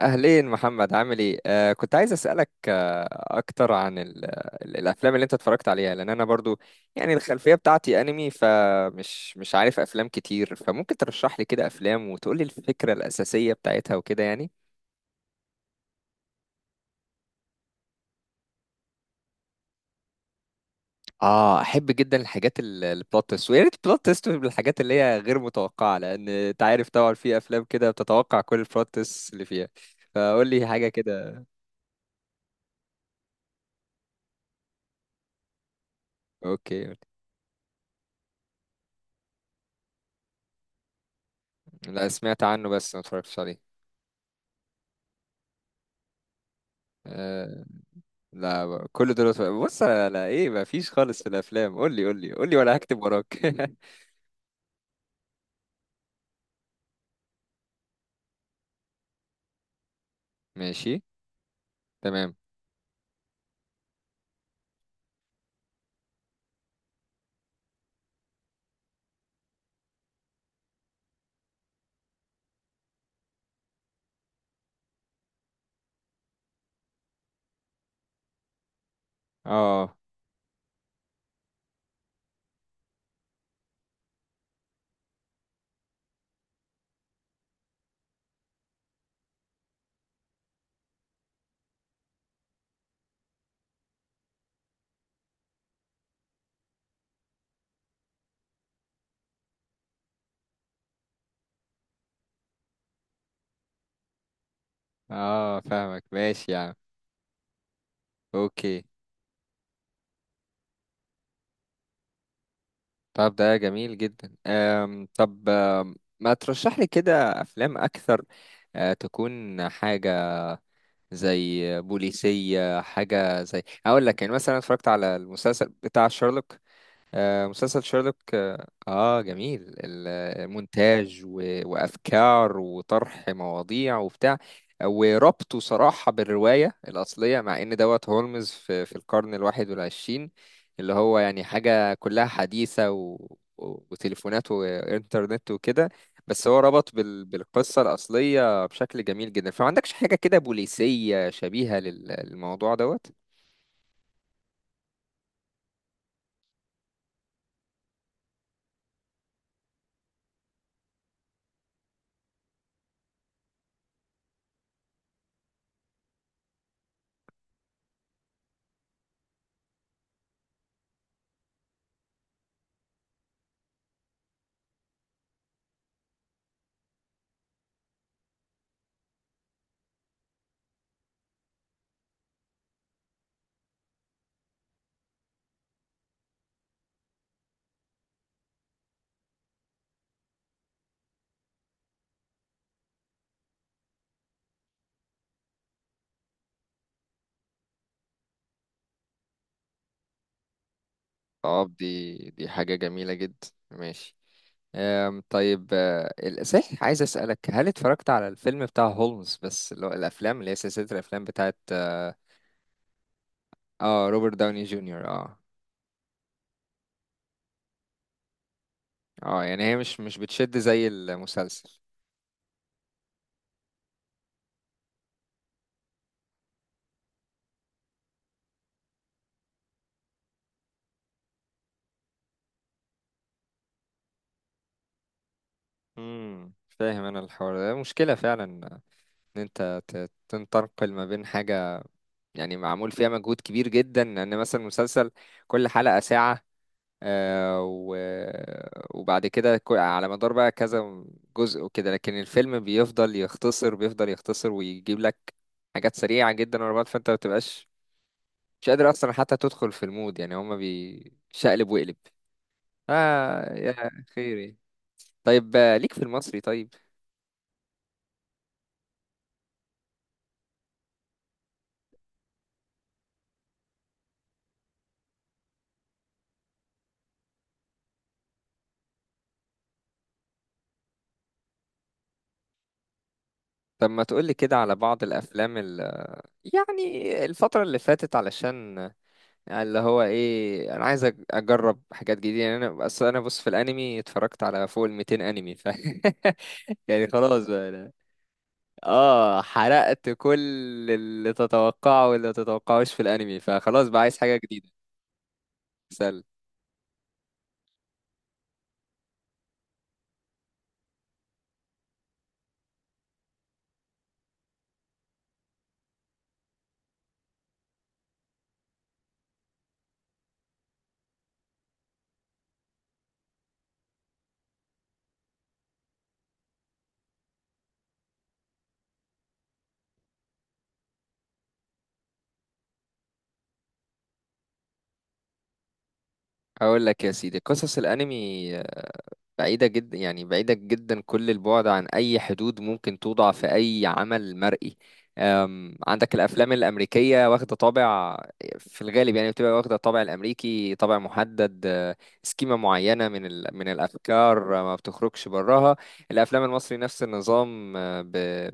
أهلين محمد عامل إيه؟ كنت عايز أسألك أكتر عن ال الأفلام اللي أنت اتفرجت عليها، لأن أنا برضو يعني الخلفية بتاعتي أنمي، فمش مش عارف أفلام كتير، فممكن ترشح لي كده أفلام وتقول لي الفكرة الأساسية بتاعتها وكده يعني. آه، أحب جدا الحاجات البلوت تويست، ويا ريت البلوت تويست بالحاجات اللي هي غير متوقعة، لأن أنت عارف طبعا في أفلام كده بتتوقع كل البلوت تويست اللي فيها. فقول لي حاجة كده. أوكي. لا، سمعت عنه بس ما اتفرجتش عليه. لا، كل دول أسبوع. بص، على ايه؟ ما فيش خالص في الافلام؟ قول لي قول لي قول لي، ولا هكتب وراك. ماشي. تمام. اه. اه، فاهمك، ماشي يا عم. اوكي. طب ده جميل جدا. طب، ما ترشح لي كده افلام اكثر، أه تكون حاجة زي بوليسية، حاجة زي هقول لك، يعني مثلا اتفرجت على المسلسل بتاع شارلوك. آه، مسلسل شيرلوك، اه، آه، جميل المونتاج وافكار وطرح مواضيع وبتاع، وربطه صراحة بالرواية الأصلية، مع إن دوت هولمز في، في القرن الواحد والعشرين، اللي هو يعني حاجة كلها حديثة وتليفونات وإنترنت وكده، بس هو ربط بالقصة الأصلية بشكل جميل جدا. فما عندكش حاجة كده بوليسية شبيهة للموضوع دوت؟ اه، دي حاجة جميلة جدا، ماشي. طيب، آه، صحيح عايز أسألك، هل اتفرجت على الفيلم بتاع هولمز، بس اللي هو الأفلام اللي هي سلسلة الأفلام بتاعت اه؟ آه، روبرت داوني جونيور، اه. اه، يعني هي مش بتشد زي المسلسل. امم، فاهم. انا الحوار ده مشكلة فعلا، ان انت تنتقل ما بين حاجة يعني معمول فيها مجهود كبير جدا، ان مثلا مسلسل كل حلقة ساعة، آه، وبعد كده على مدار بقى كذا جزء وكده، لكن الفيلم بيفضل يختصر، بيفضل يختصر ويجيب لك حاجات سريعة جدا ورا بعض، فانت ما بتبقاش مش قادر اصلا حتى تدخل في المود. يعني هما بيشقلب وقلب. اه يا خيري. طيب آه، ليك في المصري؟ طيب، طب ما تقولي كده على بعض الافلام يعني الفترة اللي فاتت، علشان يعني اللي هو ايه، انا عايز اجرب حاجات جديده. يعني انا بس، انا بص، في الانمي اتفرجت على فوق ال 200 انمي ف يعني خلاص بقى أنا. اه، حرقت كل اللي تتوقعه واللي ما تتوقعوش في الانمي، فخلاص بقى عايز حاجه جديده. سل. هقول لك يا سيدي، قصص الانمي بعيدة جدا، يعني بعيدة جدا كل البعد عن أي حدود ممكن توضع في أي عمل مرئي. عندك الأفلام الأمريكية واخدة طابع في الغالب، يعني بتبقى واخدة طابع الأمريكي، طابع محدد، أه، سكيمة معينة من الأفكار، أه، ما بتخرجش براها. الأفلام المصري نفس النظام، أه،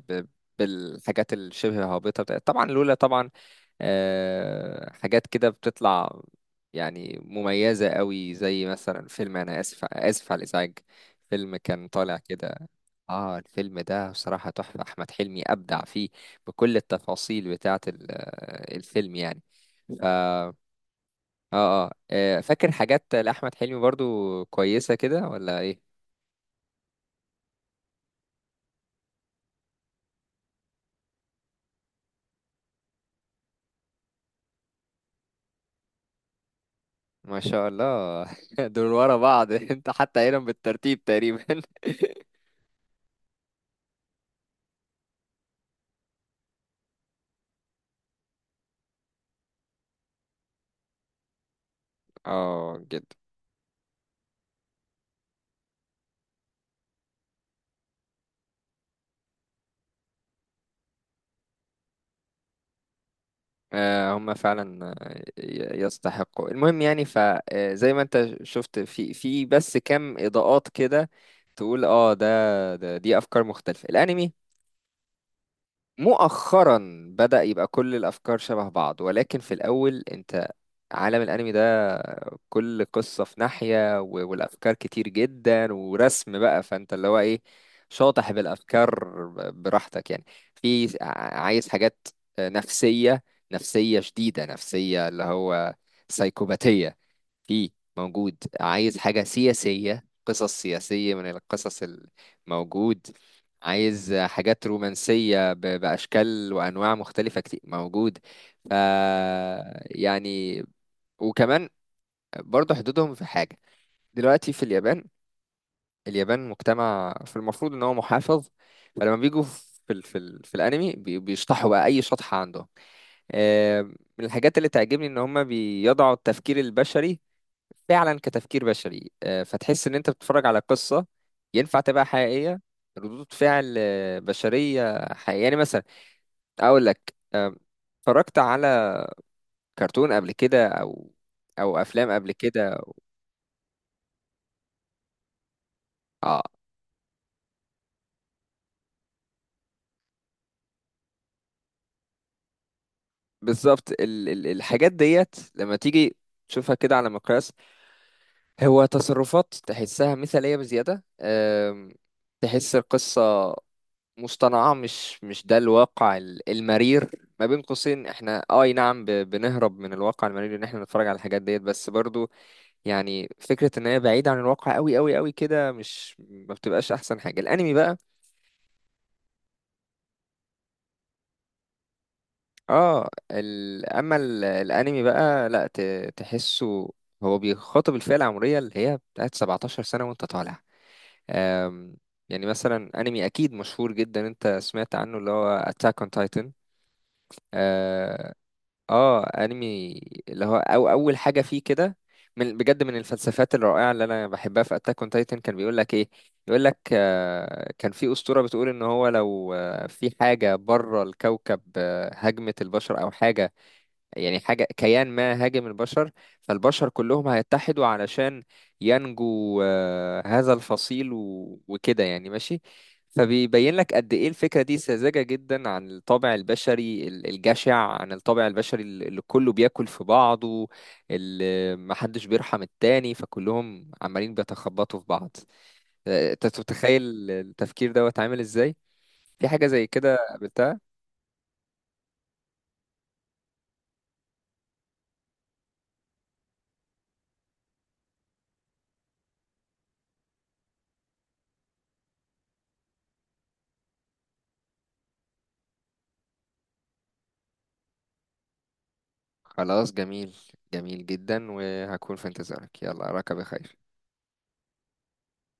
ب... بالحاجات الشبه هابطة طبعا، لولا طبعا آه، حاجات كده بتطلع يعني مميزة قوي، زي مثلا فيلم أنا آسف، آسف على الإزعاج، فيلم كان طالع كده. آه، الفيلم ده بصراحة تحفة. أحمد حلمي أبدع فيه بكل التفاصيل بتاعة آه، الفيلم يعني. ف... آه, آه، آه، فاكر حاجات لأحمد حلمي برضو كويسة كده ولا إيه؟ ما شاء الله دول ورا بعض انت حتى قايلهم بالترتيب تقريبا. اه جدا. آه، هم فعلا آه، يستحقوا. المهم يعني، فزي ما انت شفت في في بس كام اضاءات كده تقول اه، ده، دي افكار مختلفة. الانمي مؤخرا بدأ يبقى كل الافكار شبه بعض، ولكن في الاول انت، عالم الانمي ده كل قصة في ناحية، والافكار كتير جدا ورسم بقى، فانت اللي هو ايه، شاطح بالافكار براحتك يعني. في عايز حاجات نفسية، نفسية شديدة، نفسية اللي هو سايكوباتية في موجود. عايز حاجة سياسية، قصص سياسية من القصص الموجود. عايز حاجات رومانسية بأشكال وأنواع مختلفة كتير موجود. ف يعني، وكمان برضه حدودهم في حاجة. دلوقتي في اليابان، اليابان مجتمع في المفروض ان هو محافظ، فلما بيجوا في ال في ال في الانمي بيشطحوا بقى اي شطحة عندهم. آه، من الحاجات اللي تعجبني ان هم بيضعوا التفكير البشري فعلا كتفكير بشري، آه، فتحس ان انت بتتفرج على قصة ينفع تبقى حقيقية، ردود فعل آه، بشرية حقيقية. يعني مثلا اقول لك آه، اتفرجت على كرتون قبل كده، او او افلام قبل كده. آه. بالظبط، ال الحاجات ديت لما تيجي تشوفها كده على مقياس، هو تصرفات تحسها مثالية بزيادة، تحس القصة مصطنعة، مش ده الواقع المرير. ما بين قوسين احنا آه، اي نعم بنهرب من الواقع المرير ان احنا نتفرج على الحاجات ديت، بس برضو يعني فكرة ان هي بعيدة عن الواقع قوي قوي قوي كده مش ما بتبقاش احسن حاجة الانمي بقى. اه اما الانمي بقى لا تحسه هو بيخاطب الفئة العمرية اللي هي بتاعت 17 سنة وانت طالع. أم... يعني مثلا انمي اكيد مشهور جدا انت سمعت عنه اللي هو Attack on Titan. اه, آه، انمي اللي هو أو اول حاجة فيه كده، من بجد من الفلسفات الرائعة اللي انا بحبها في Attack on Titan، كان بيقول لك ايه؟ يقول لك آه، كان في أسطورة بتقول ان هو لو آه، في حاجة بره الكوكب آه، هاجمت البشر او حاجة، يعني حاجة كيان ما هاجم البشر، فالبشر كلهم هيتحدوا علشان ينجو، آه، هذا الفصيل وكده يعني ماشي. فبيبين لك قد ايه الفكرة دي ساذجة جدا عن الطابع البشري الجشع، عن الطابع البشري اللي كله بياكل في بعضه، اللي محدش بيرحم التاني، فكلهم عمالين بيتخبطوا في بعض. آه، انت تتخيل التفكير دوت عامل ازاي، في حاجة زي كده قابلتها؟ خلاص، جميل، جميل جدا، وهكون في انتظارك. يلا، أراك بخير.